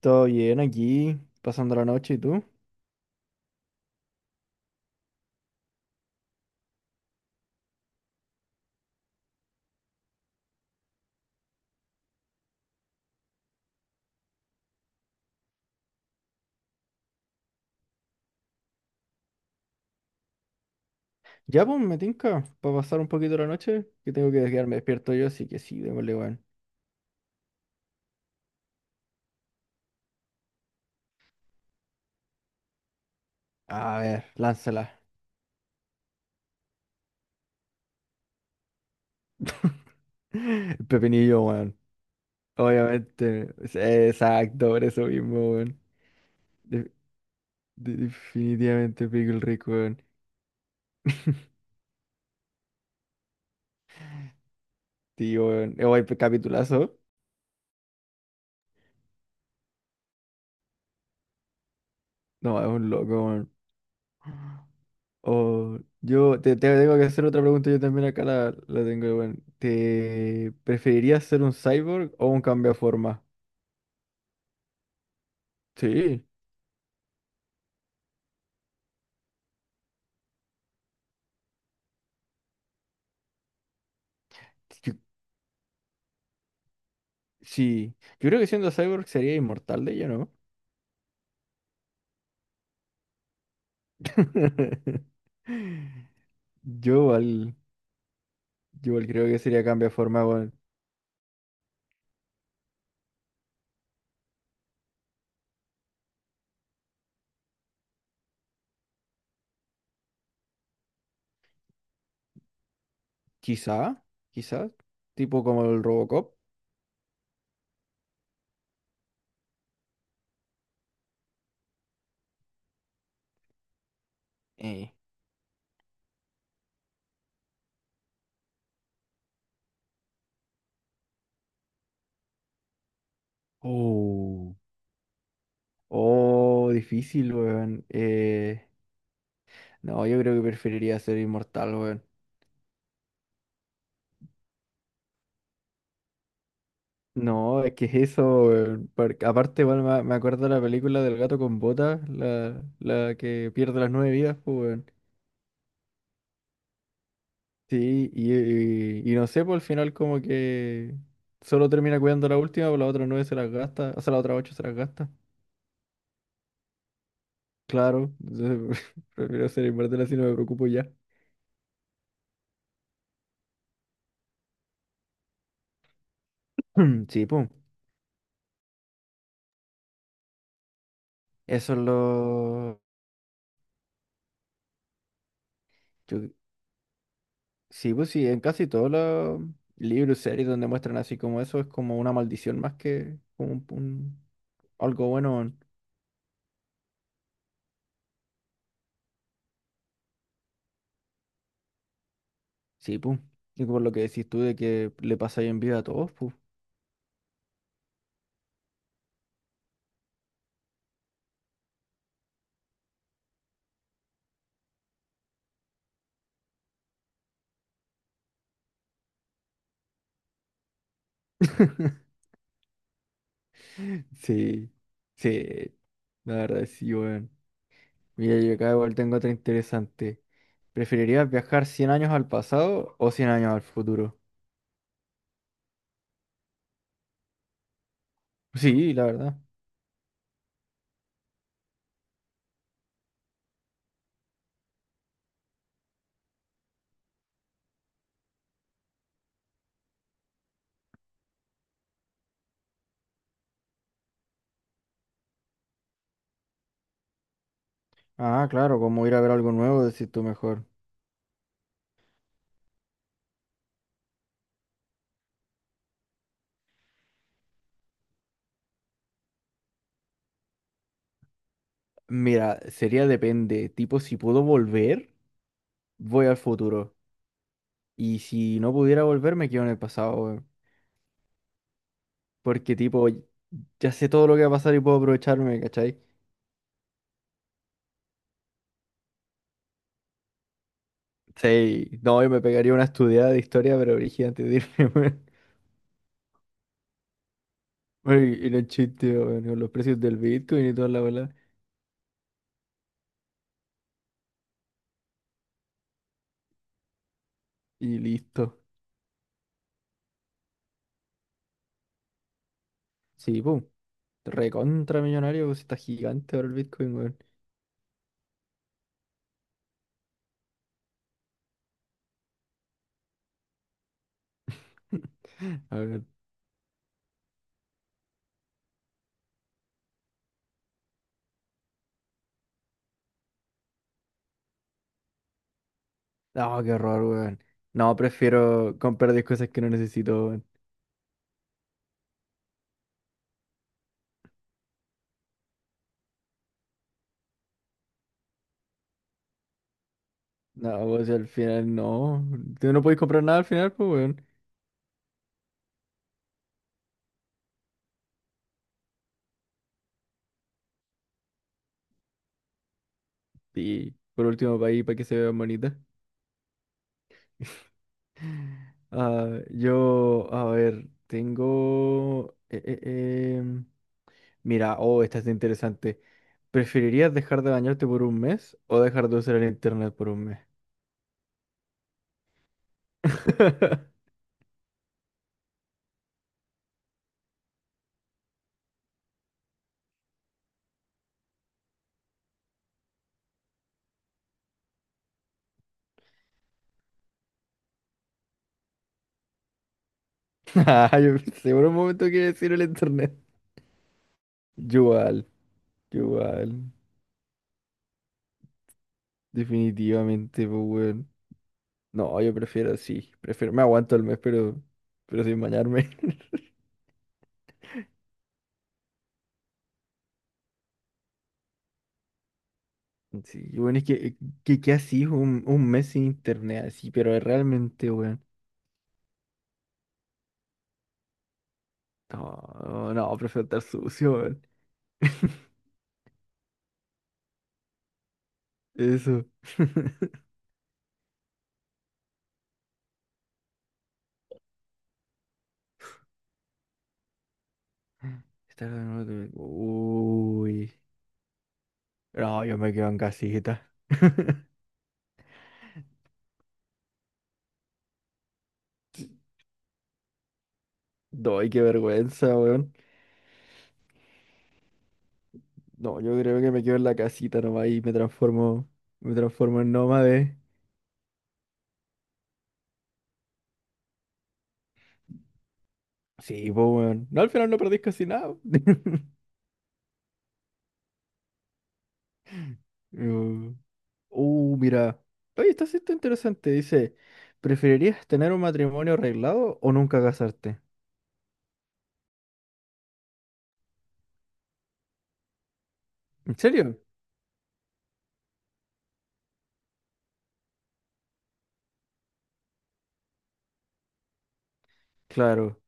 Todo bien aquí, pasando la noche, ¿y tú? Ya, pues, me tinca, para pasar un poquito la noche, que tengo que quedarme despierto yo, así que sí, démosle, weón. A ver, lánzala. El Pepinillo, weón. Obviamente, sí, exacto, por eso mismo, weón. De- Definitivamente Pickle Rick, weón. Tío, weón. Weón, capitulazo. No, es un loco, weón. O yo te tengo que hacer otra pregunta, yo también acá la tengo. Bueno, ¿te preferirías ser un cyborg o un cambiaforma? Sí, yo- sí. Yo creo que siendo cyborg sería inmortal de ello, ¿no? Yo igual, yo igual creo que sería cambia forma bueno, quizá, quizá, tipo como el Robocop. Eh. Oh, oh, difícil, weón. No, yo creo que preferiría ser inmortal, weón. No, es que es eso, weón, porque aparte, igual me acuerdo de la película del gato con botas, la que pierde las nueve vidas, pues, weón. Sí, y no sé, por el final como que solo termina cuidando la última, pues las otras nueve se las gasta, o sea, las otras ocho se las gasta. Claro, entonces, prefiero ser inmortal así, no me preocupo ya. Sí, pues, eso es lo... yo- Sí, pues sí, en casi todos los libros, series donde muestran así como eso, es como una maldición más que como algo bueno, weón. Sí, pues. Y por lo que decís tú de que le pasa bien vida a todos, pues. Sí, sí, la verdad sí, weón. Mira, yo acá igual tengo otra interesante. ¿Preferirías viajar 100 años al pasado o 100 años al futuro? Sí, la verdad. Ah, claro, como ir a ver algo nuevo, decís tú mejor. Mira, sería depende, tipo si puedo volver. Voy al futuro. Y si no pudiera volver, me quedo en el pasado, weón. Porque, tipo, ya sé todo lo que va a pasar y puedo aprovecharme, ¿cachai? Sí, no, yo me pegaría una estudiada de historia, pero brígida antes de irme, weón. Weón, y los chistes, weón, con los precios del Bitcoin y toda la bola. Y listo. Sí, pum. Recontra millonario, pues está gigante ahora el Bitcoin, weón. A ver. No, qué horror, weón. No, prefiero comprar 10 cosas que no necesito, weón. No, pues al final no. Tú no puedes comprar nada al final, pues, weón. Y por último, para ahí, para que se vean bonitas. Ah, yo, a ver, tengo... Mira, oh, esta es interesante. ¿Preferirías dejar de bañarte por un mes o dejar de usar el internet por un mes? Ah, yo pensé por un momento que iba a decir el internet. Yo igual, yo igual. Definitivamente, pues, weón. No, yo prefiero, sí. Prefiero, me aguanto el mes, pero sin bañarme. Sí, bueno, es que así un mes sin internet, así, pero es realmente, weón. No, no, prefiero estar sucio, weón. Eso. Estar de nuevo de- Uy. No, yo me quedo en casita. Doy, qué vergüenza, weón. No, yo creo que me quedo en la casita nomás y me transformo en nómade. Sí, pues, weón. No, al final no perdís casi nada. No. Mira. Oye, esta sí está interesante. Dice, ¿preferirías tener un matrimonio arreglado o nunca casarte? ¿En serio? Claro.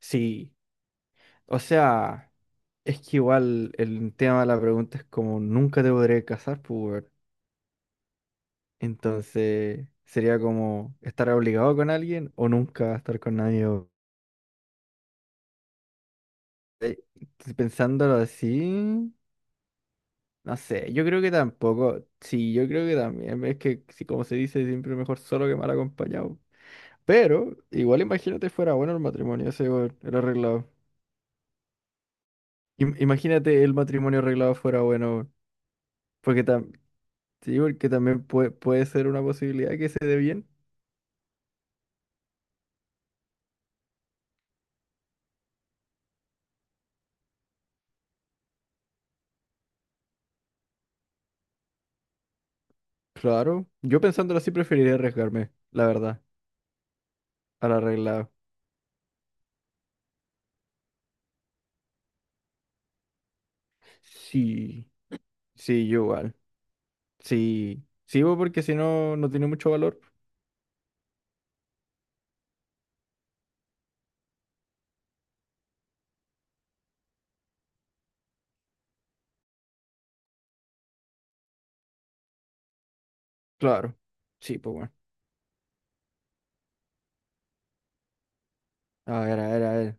Sí. O sea, es que igual el tema de la pregunta es como nunca te podré casar, pues. Entonces, sería como estar obligado con alguien o nunca estar con nadie. Si pensándolo así, no sé, yo creo que tampoco. Sí, yo creo que también. Es que, si como se dice, siempre mejor solo que mal acompañado. Pero igual imagínate fuera bueno el matrimonio ese, weón, el arreglado. Imagínate el matrimonio arreglado fuera bueno, weón. Porque, tam Sí, porque también puede ser una posibilidad que se dé bien. Claro, yo pensándolo así preferiría arriesgarme, la verdad, al arreglado. Sí, sí, yo igual. Sí, sí, weón, porque si no, no tiene mucho valor. Claro, sí, pues bueno. A ver, a ver, a ver.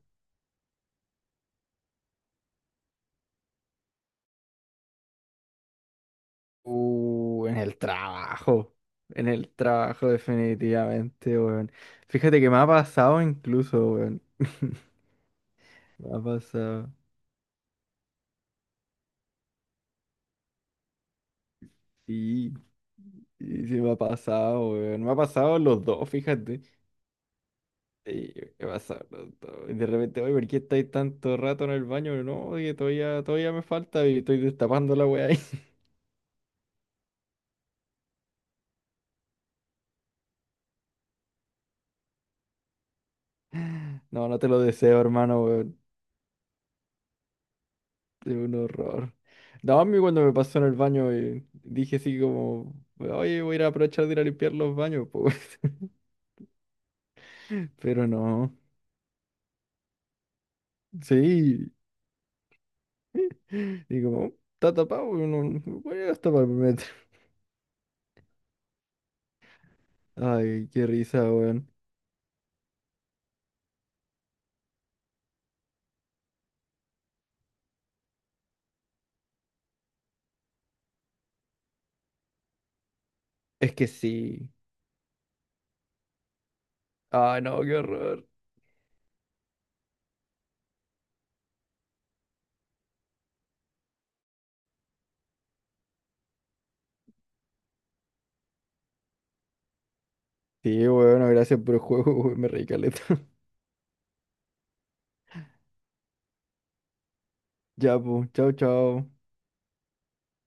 En el en el trabajo definitivamente, weón. Fíjate que me ha pasado incluso, weón. Me ha pasado. Sí, sí, sí me ha pasado, weón. Me ha pasado los dos, fíjate. Sí, me ha pasado los dos. Y de repente, oye, ¿por qué estáis tanto rato en el baño? No, que todavía me falta y estoy destapando la weá ahí. No, no te lo deseo, hermano, weón. Es un horror. No, a mí cuando me pasó en el baño dije así como, oye, voy a ir a aprovechar de ir a limpiar los baños, pues. Pero no. Sí. Y como, está tapado, no voy a tapar el metro. Ay, qué risa, weón. Es que sí. Ay, no, qué horror. Sí, bueno, gracias por el juego, weón, me reí caleta. Ya, pues, chao, chao.